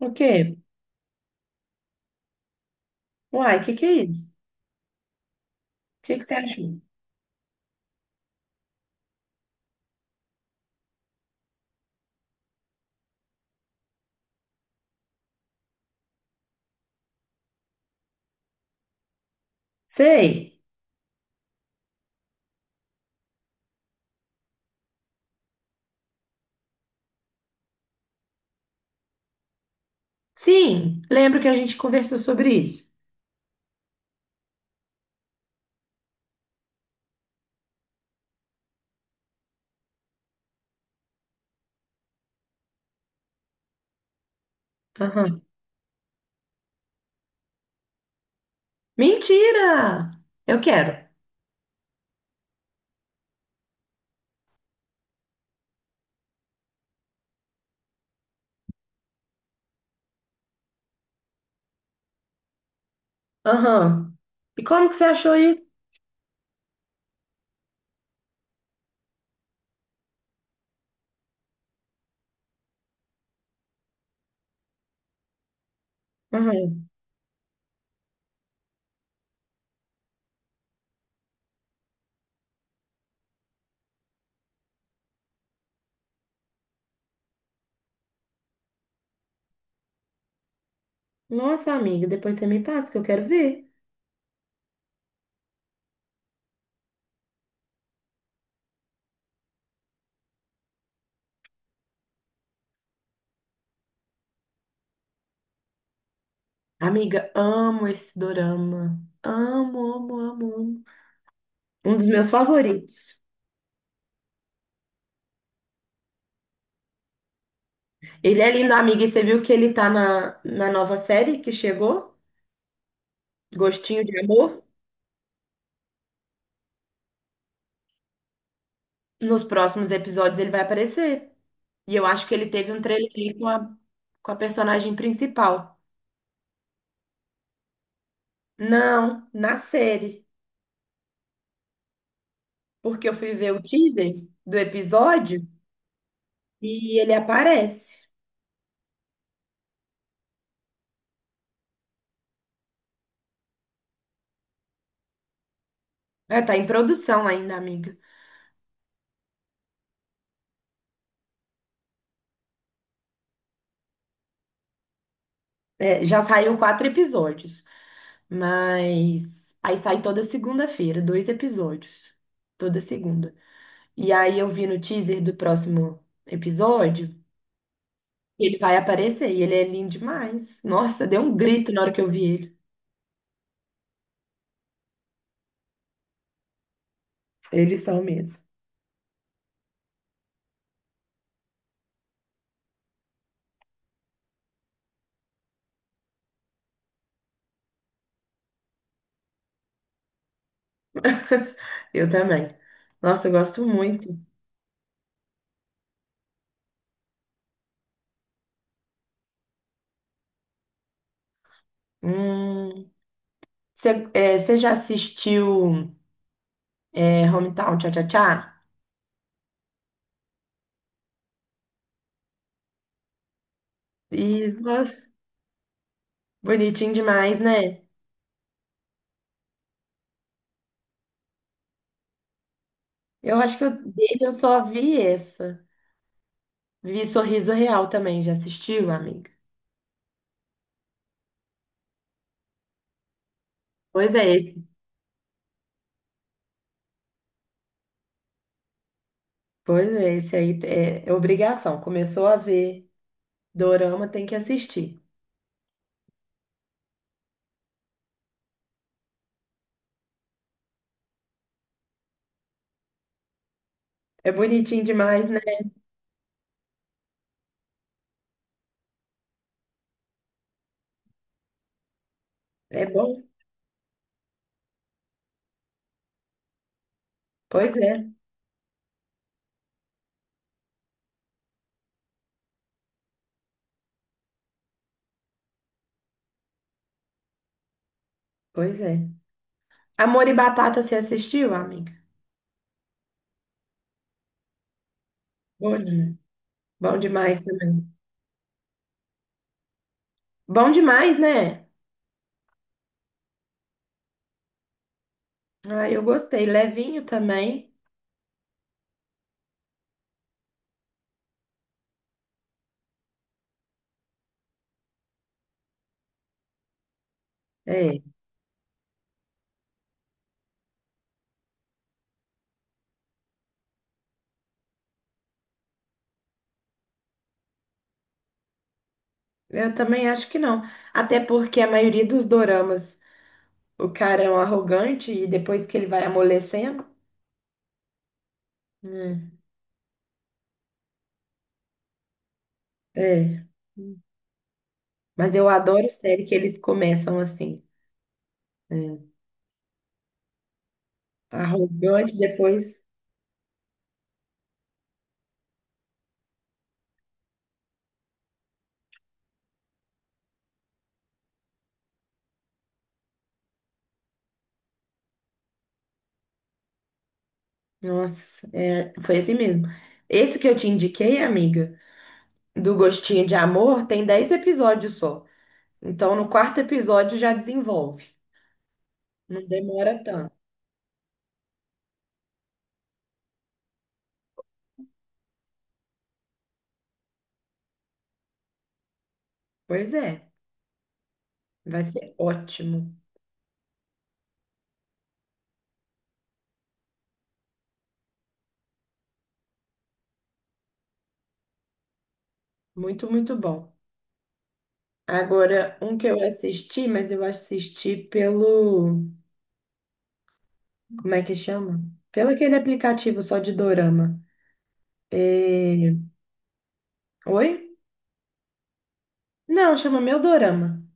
O quê? Uai, o que que é isso? O que que você achou? Sei. Sim, lembro que a gente conversou sobre isso. Aham. Mentira! Eu quero. Aham. E como que você achou isso? Aham. Nossa, amiga, depois você me passa que eu quero ver. Amiga, amo esse dorama. Amo, amo, amo, amo. Um dos meus favoritos. Ele é lindo, amiga, e você viu que ele tá na nova série que chegou? Gostinho de Amor? Nos próximos episódios ele vai aparecer. E eu acho que ele teve um trelelê com a personagem principal. Não, na série. Porque eu fui ver o teaser do episódio e ele aparece. É, tá em produção ainda, amiga. É, já saiu 4 episódios, mas aí sai toda segunda-feira, 2 episódios. Toda segunda. E aí eu vi no teaser do próximo episódio que ele vai aparecer e ele é lindo demais. Nossa, deu um grito na hora que eu vi ele. Eles são mesmo. Eu também. Nossa, eu gosto muito. Hum, você já assistiu, é, Hometown Cha-Cha-Cha? E, nossa, bonitinho demais, né? Eu acho que eu, dele eu só vi essa. Vi Sorriso Real também, já assistiu, amiga? Pois é, esse. Pois é, esse aí é obrigação. Começou a ver dorama, tem que assistir. É bonitinho demais, né? É bom? Pois é, pois é. Amor e Batata, você assistiu, amiga? Bom, demais. Bom demais também. Bom demais, né? Ah, eu gostei. Levinho também. É, eu também acho que não. Até porque a maioria dos doramas, o cara é um arrogante e depois que ele vai amolecendo. Né? É. Mas eu adoro série que eles começam assim. É, arrogante, depois. Nossa, é, foi assim mesmo. Esse que eu te indiquei, amiga, do Gostinho de Amor, tem 10 episódios só. Então, no quarto episódio já desenvolve. Não demora tanto. Pois é. Vai ser ótimo. Muito, muito bom. Agora, um que eu assisti, mas eu assisti pelo. Como é que chama? Pelo aquele aplicativo só de dorama. É, oi? Não, chama Meu Dorama.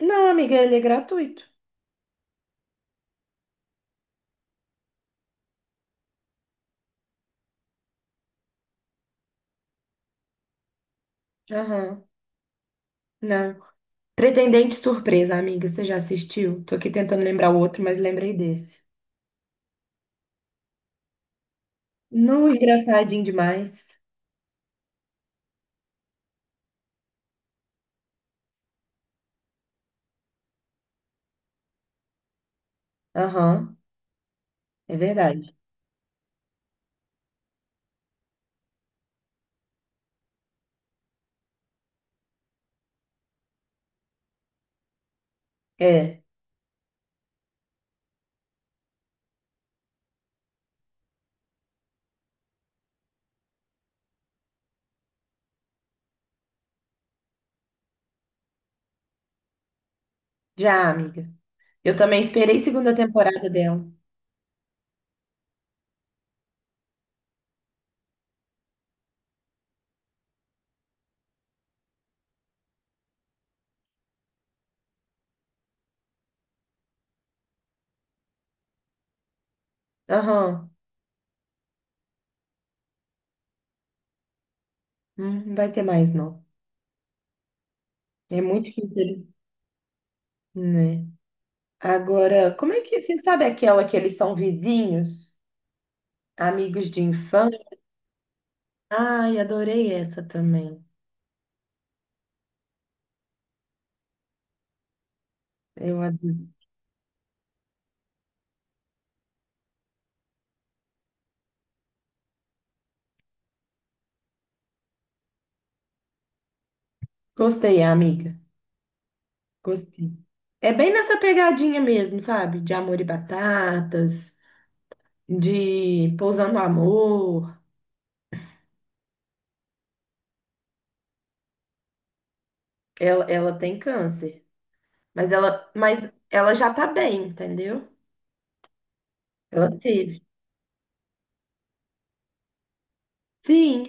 Não, amiga, ele é gratuito. Aham. Não. Pretendente Surpresa, amiga, você já assistiu? Tô aqui tentando lembrar o outro, mas lembrei desse. Não, engraçadinho demais. Aham, é verdade. É, já, amiga. Eu também esperei segunda temporada dela. Aham, não vai ter mais, não. É muito que interessante, né? Agora, como é que você sabe aquela que eles são vizinhos, amigos de infância? Ai, adorei essa também. Eu adorei. Gostei, amiga. Gostei. É bem nessa pegadinha mesmo, sabe? De Amor e Batatas, de Pousando Amor. Ela tem câncer, mas ela já tá bem, entendeu? Ela teve. Sim.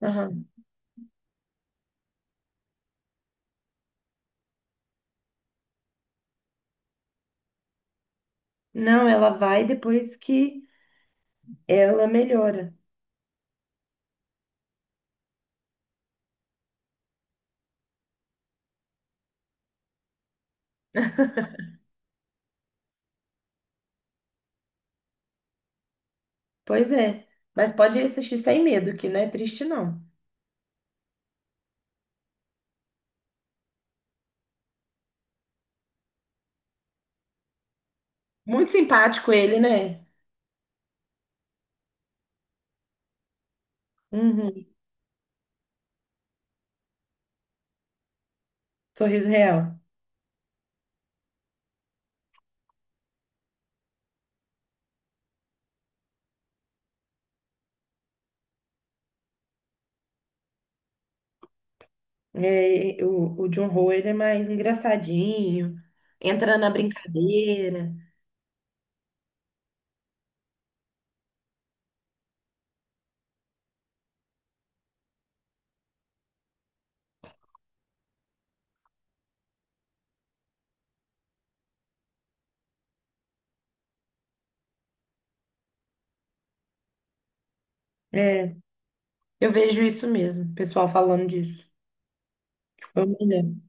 Aham. Não, ela vai depois que ela melhora. Pois é. Mas pode assistir sem medo, que não é triste, não. Muito simpático ele, né? Uhum. Sorriso Real. É, o John Ho, ele é mais engraçadinho, entra na brincadeira. É, eu vejo isso mesmo, o pessoal falando disso. Eu me lembro.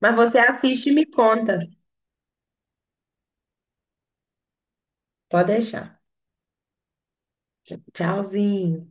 Mas você assiste e me conta. Pode deixar. Tchauzinho.